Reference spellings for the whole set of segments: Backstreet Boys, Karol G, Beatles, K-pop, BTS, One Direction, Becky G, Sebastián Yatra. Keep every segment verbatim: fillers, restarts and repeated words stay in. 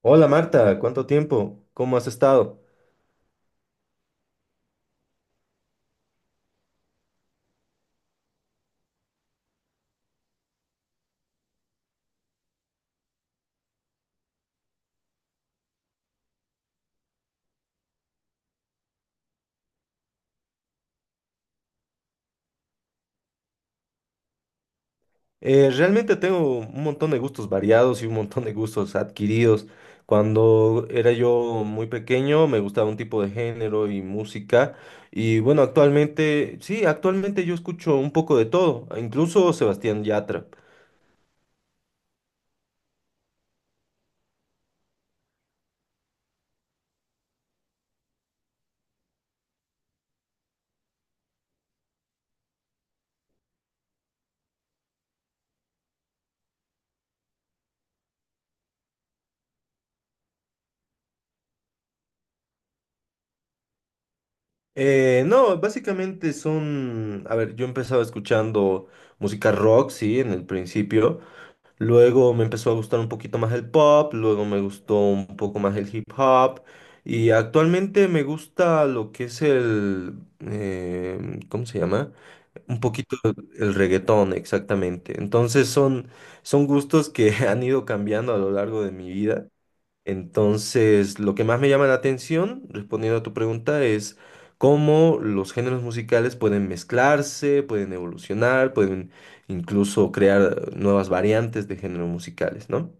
Hola Marta, ¿cuánto tiempo? ¿Cómo has estado? Eh, realmente tengo un montón de gustos variados y un montón de gustos adquiridos. Cuando era yo muy pequeño me gustaba un tipo de género y música y bueno, actualmente, sí, actualmente yo escucho un poco de todo, incluso Sebastián Yatra. Eh, no, básicamente son, a ver, yo empezaba escuchando música rock, sí, en el principio. Luego me empezó a gustar un poquito más el pop, luego me gustó un poco más el hip hop y actualmente me gusta lo que es el, eh, ¿cómo se llama? Un poquito el el reggaetón, exactamente. Entonces son, son gustos que han ido cambiando a lo largo de mi vida. Entonces, lo que más me llama la atención, respondiendo a tu pregunta, es cómo los géneros musicales pueden mezclarse, pueden evolucionar, pueden incluso crear nuevas variantes de géneros musicales, ¿no?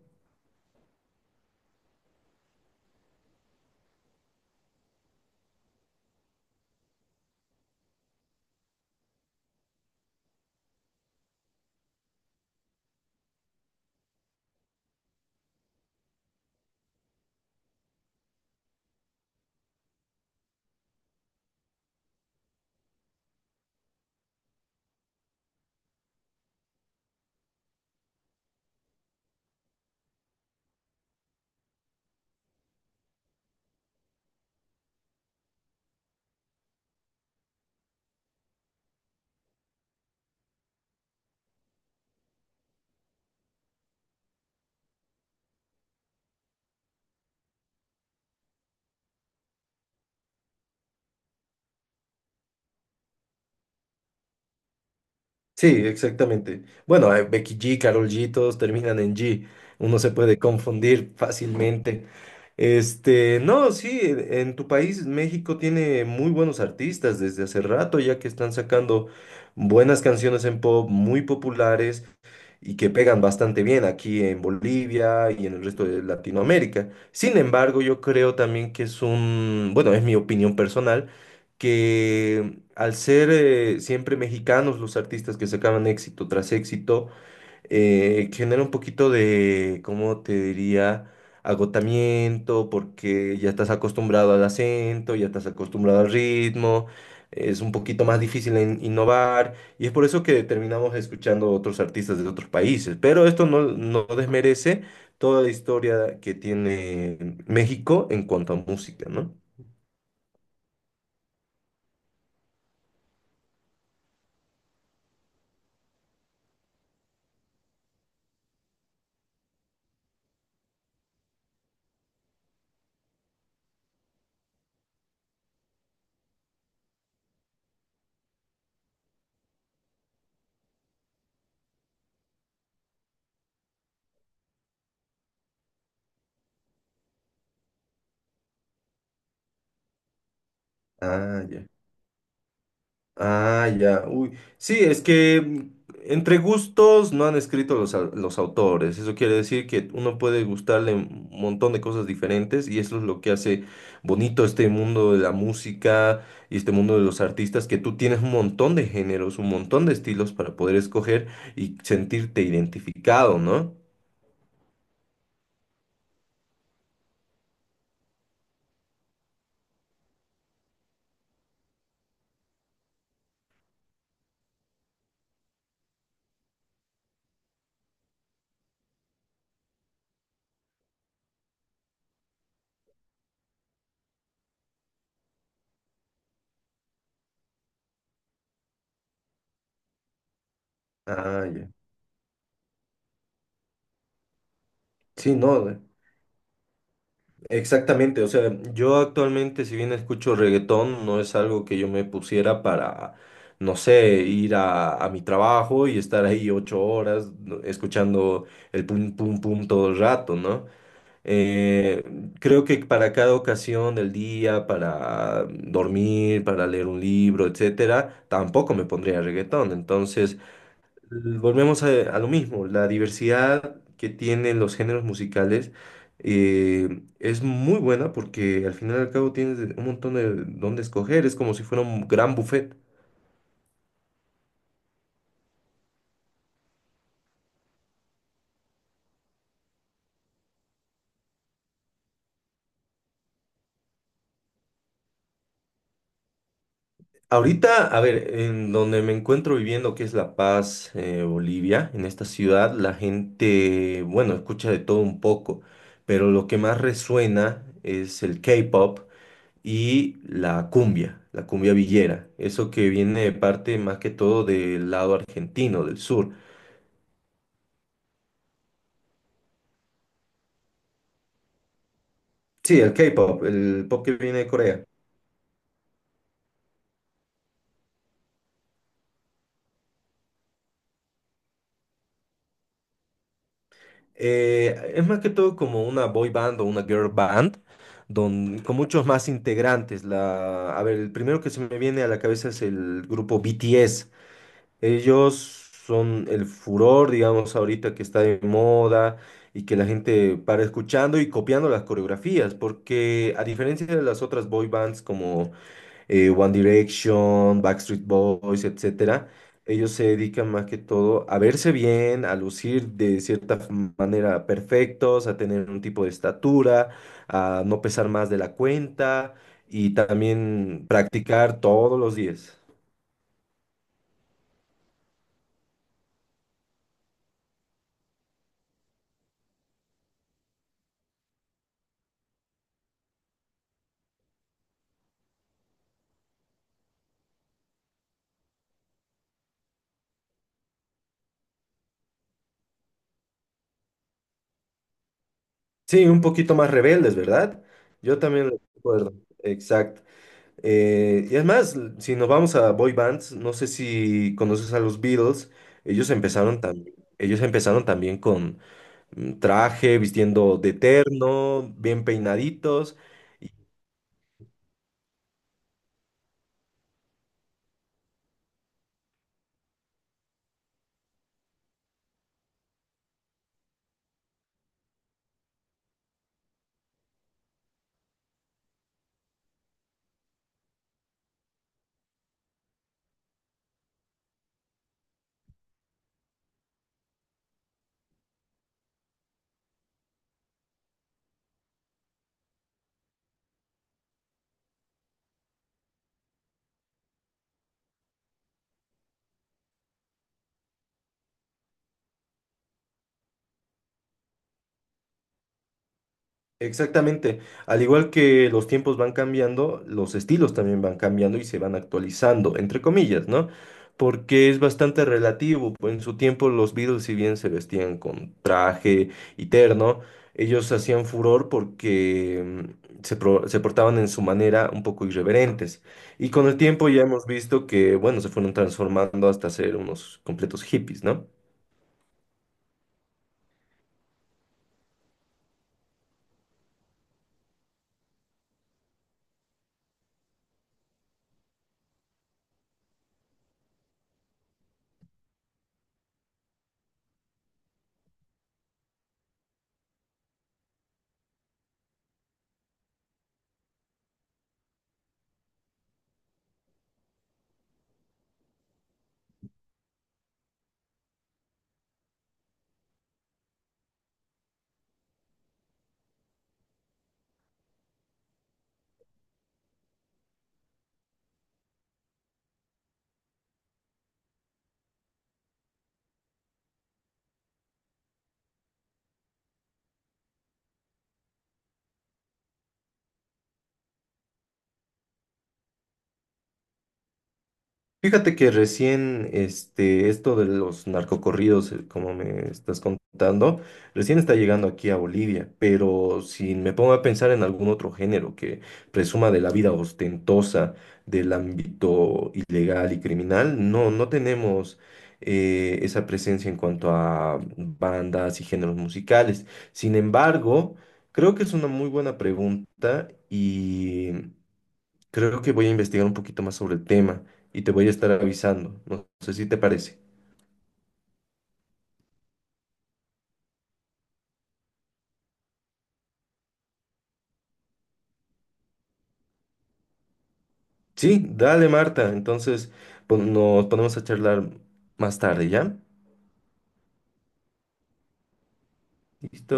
Sí, exactamente. Bueno, eh, Becky G, Karol G, todos terminan en G. Uno se puede confundir fácilmente. Este, no, sí, en en tu país, México tiene muy buenos artistas desde hace rato, ya que están sacando buenas canciones en pop muy populares y que pegan bastante bien aquí en Bolivia y en el resto de Latinoamérica. Sin embargo, yo creo también que es un, bueno, es mi opinión personal, que al ser eh, siempre mexicanos los artistas que sacaban éxito tras éxito, eh, genera un poquito de, ¿cómo te diría? Agotamiento, porque ya estás acostumbrado al acento, ya estás acostumbrado al ritmo, es un poquito más difícil en- innovar, y es por eso que terminamos escuchando otros artistas de otros países. Pero esto no, no desmerece toda la historia que tiene México en cuanto a música, ¿no? Ah, ya. Ah, ya. Uy. Sí, es que mm, entre gustos no han escrito los, au- los autores. Eso quiere decir que uno puede gustarle un montón de cosas diferentes y eso es lo que hace bonito este mundo de la música y este mundo de los artistas, que tú tienes un montón de géneros, un montón de estilos para poder escoger y sentirte identificado, ¿no? Ah, ya. Sí, no. eh. Exactamente, o sea, yo actualmente si bien escucho reggaetón, no es algo que yo me pusiera para, no sé, ir a, a mi trabajo y estar ahí ocho horas no, escuchando el pum pum pum todo el rato, ¿no? Eh, Creo que para cada ocasión del día, para dormir, para leer un libro, etcétera, tampoco me pondría reggaetón. Entonces, volvemos a, a lo mismo, la diversidad que tienen los géneros musicales eh, es muy buena porque al final y al cabo tienes un montón de dónde escoger, es como si fuera un gran buffet. Ahorita, a ver, en donde me encuentro viviendo, que es La Paz, eh, Bolivia, en esta ciudad, la gente, bueno, escucha de todo un poco, pero lo que más resuena es el K-pop y la cumbia, la cumbia villera, eso que viene de parte más que todo del lado argentino, del sur. Sí, el K-pop, el pop que viene de Corea. Eh, es más que todo como una boy band o una girl band, don- con muchos más integrantes. La, a ver, el primero que se me viene a la cabeza es el grupo B T S. Ellos son el furor, digamos, ahorita que está de moda y que la gente para escuchando y copiando las coreografías, porque a diferencia de las otras boy bands como eh, One Direction, Backstreet Boys, etcétera, ellos se dedican más que todo a verse bien, a lucir de cierta manera perfectos, a tener un tipo de estatura, a no pesar más de la cuenta y también practicar todos los días. Sí, un poquito más rebeldes, ¿verdad? Yo también lo recuerdo. Exacto. Eh, y además, l- si nos vamos a boy bands, no sé si conoces a los Beatles, ellos empezaron también, ellos empezaron también con mm, traje, vistiendo de terno, bien peinaditos. Exactamente. Al igual que los tiempos van cambiando, los estilos también van cambiando y se van actualizando, entre comillas, ¿no? Porque es bastante relativo. Pues, en su tiempo los Beatles, si bien se vestían con traje y terno, ellos hacían furor porque mm, se, pro- se portaban en su manera un poco irreverentes. Y con el tiempo ya hemos visto que, bueno, se fueron transformando hasta ser unos completos hippies, ¿no? Fíjate que recién, este, esto de los narcocorridos, eh, como me estás contando, recién está llegando aquí a Bolivia, pero si me pongo a pensar en algún otro género que presuma de la vida ostentosa del ámbito ilegal y criminal, no, no tenemos eh, esa presencia en cuanto a bandas y géneros musicales. Sin embargo, creo que es una muy buena pregunta y... Creo que voy a investigar un poquito más sobre el tema y te voy a estar avisando. No sé si te parece. Sí, dale, Marta. Entonces, pon- nos ponemos a charlar más tarde, ¿ya? Listo.